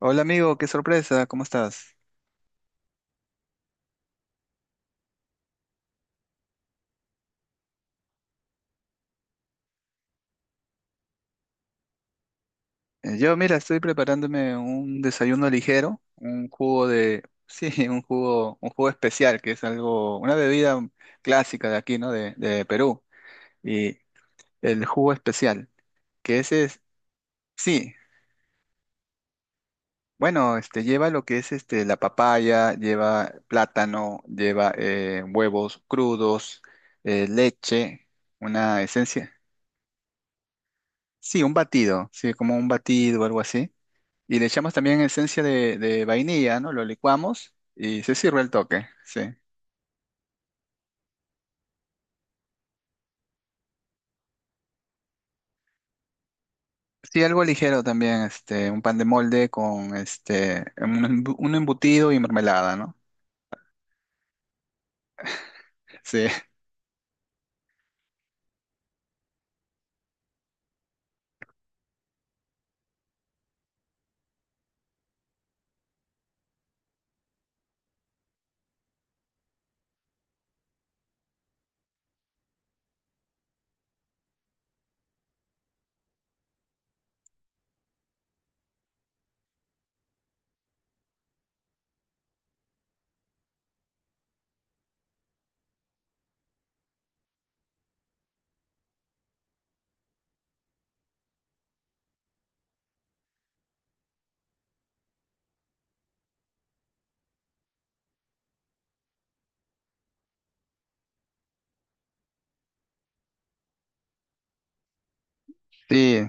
Hola amigo, qué sorpresa, ¿cómo estás? Yo, mira, estoy preparándome un desayuno ligero, un jugo de, sí, un jugo especial, que es algo, una bebida clásica de aquí, ¿no? De Perú. Y el jugo especial, que ese es, sí, bueno, este lleva lo que es este la papaya, lleva plátano, lleva huevos crudos, leche, una esencia, sí, un batido, sí, como un batido o algo así. Y le echamos también esencia de vainilla, ¿no? Lo licuamos y se sirve el toque, sí. Sí, algo ligero también, este, un pan de molde con este, un, un embutido y mermelada, ¿no? Sí, sí,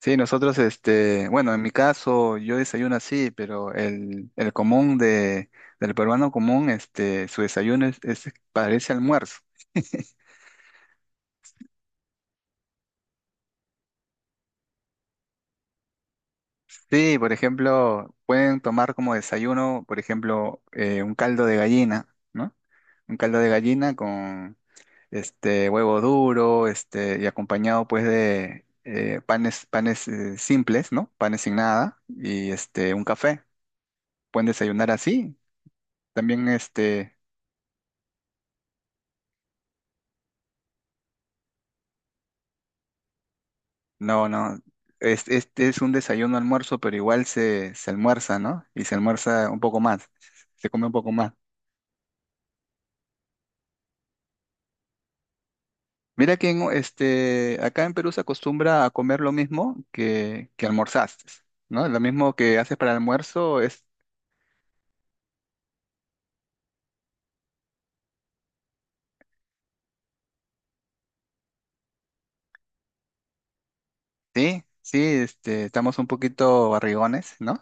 sí, nosotros, este, bueno, en mi caso yo desayuno así, pero el común de, del peruano común, este, su desayuno es, parece almuerzo. Sí, por ejemplo, pueden tomar como desayuno, por ejemplo, un caldo de gallina, ¿no? Un caldo de gallina con este huevo duro, este, y acompañado pues de panes, panes simples, ¿no? Panes sin nada, y este, un café. Pueden desayunar así. También este, no, no. Este es un desayuno almuerzo, pero igual se, se almuerza, ¿no? Y se almuerza un poco más, se come un poco más. Mira que en este, acá en Perú se acostumbra a comer lo mismo que almorzaste, ¿no? Lo mismo que haces para el almuerzo es, sí, sí, este, estamos un poquito barrigones, ¿no?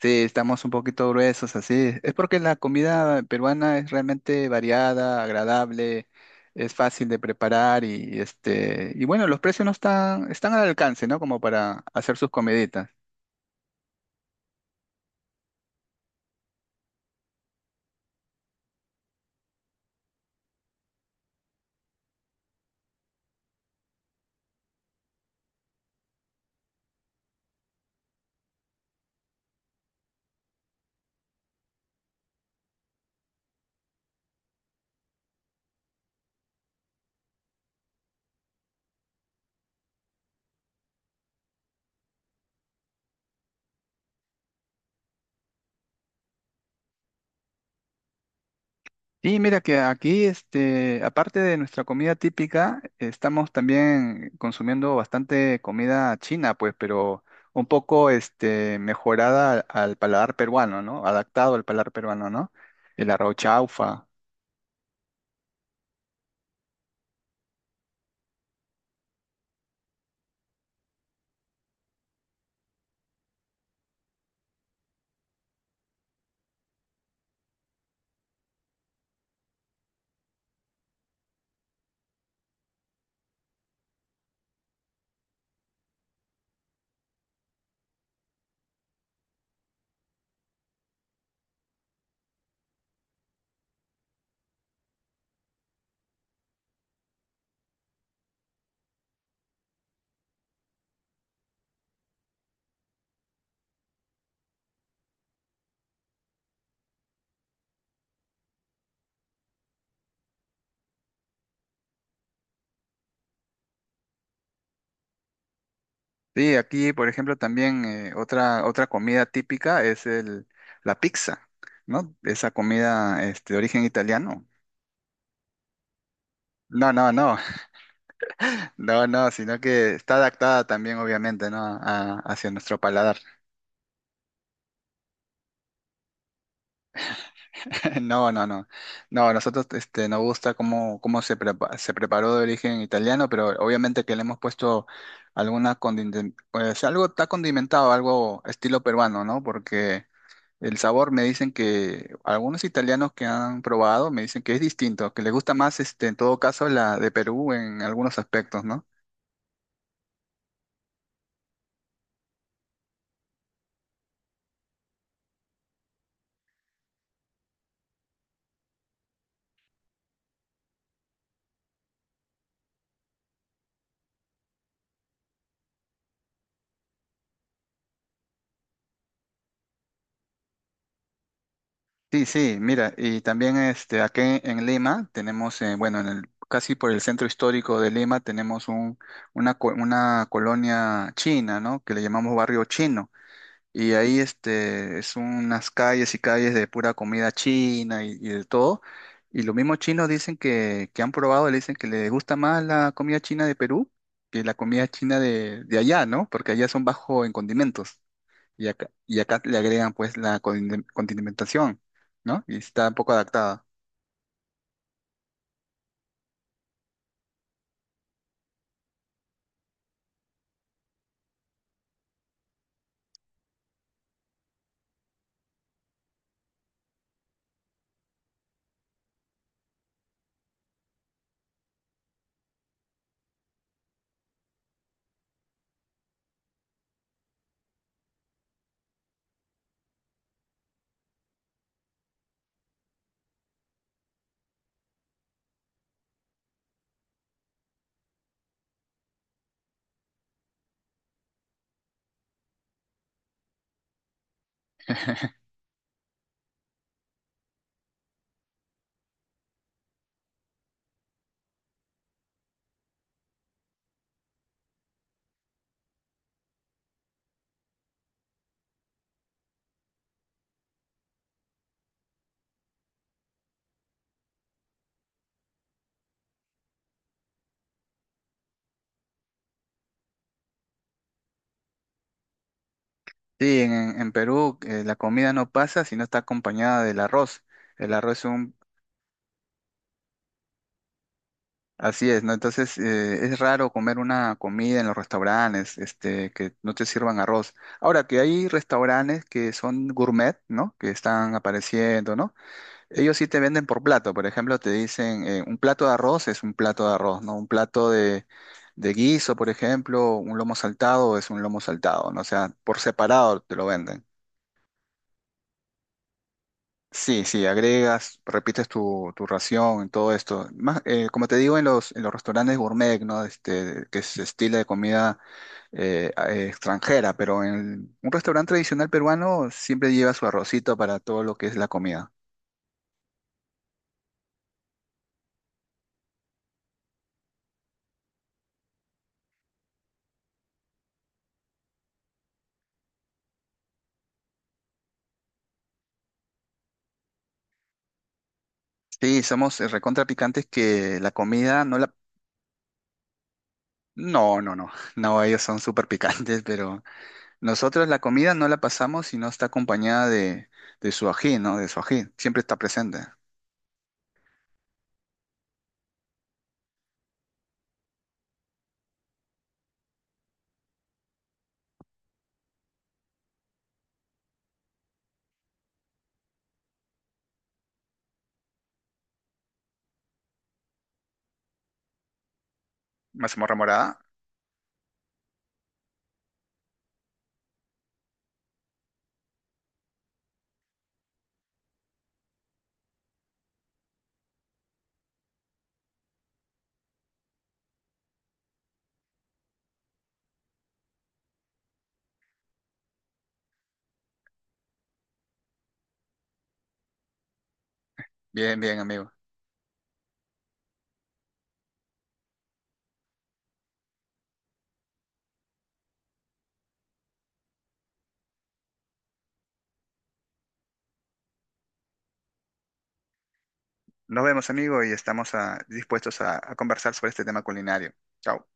Sí, estamos un poquito gruesos, así. Es porque la comida peruana es realmente variada, agradable, es fácil de preparar y, este, y bueno, los precios no están, están al alcance, ¿no? Como para hacer sus comiditas. Sí, mira que aquí, este, aparte de nuestra comida típica, estamos también consumiendo bastante comida china, pues, pero un poco, este, mejorada al, al paladar peruano, ¿no? Adaptado al paladar peruano, ¿no? El arroz chaufa. Sí, aquí, por ejemplo, también otra, otra comida típica es el, la pizza, ¿no? Esa comida, este, de origen italiano. No, no, no, no, no, sino que está adaptada también, obviamente, ¿no? Hacia nuestro paladar. No, no, no. No, a nosotros este, nos gusta cómo, cómo se, se preparó de origen italiano, pero obviamente que le hemos puesto alguna condimentación, pues algo está condimentado, algo estilo peruano, ¿no? Porque el sabor me dicen que algunos italianos que han probado me dicen que es distinto, que les gusta más este, en todo caso la de Perú en algunos aspectos, ¿no? Sí, sí, mira, y también este, aquí en Lima tenemos, bueno, en el, casi por el centro histórico de Lima tenemos un, una, una colonia china, ¿no? Que le llamamos barrio chino. Y ahí este, es unas calles y calles de pura comida china y de todo. Y los mismos chinos dicen que han probado, le dicen que les gusta más la comida china de Perú que la comida china de allá, ¿no? Porque allá son bajo en condimentos. Y acá le agregan pues la condimentación, ¿no? Y está un poco adaptada. Sí, en Perú la comida no pasa si no está acompañada del arroz. El arroz es un... Así es, ¿no? Entonces es raro comer una comida en los restaurantes, este, que no te sirvan arroz. Ahora que hay restaurantes que son gourmet, ¿no? Que están apareciendo, ¿no? Ellos sí te venden por plato, por ejemplo, te dicen un plato de arroz es un plato de arroz, ¿no? Un plato de guiso, por ejemplo, un lomo saltado es un lomo saltado, ¿no? O sea, por separado te lo venden. Sí, sí, agregas, repites tu, tu ración, todo esto. Más, como te digo, en los restaurantes gourmet, ¿no? Este, que es estilo de comida extranjera, pero en un restaurante tradicional peruano siempre lleva su arrocito para todo lo que es la comida. Sí, somos recontra picantes que la comida no la, no, no, no. No, ellos son súper picantes, pero nosotros la comida no la pasamos si no está acompañada de su ají, ¿no? De su ají. Siempre está presente. Mazamorra morada. Bien, bien, amigo. Nos vemos, amigo, y estamos ah, dispuestos a conversar sobre este tema culinario. Chao.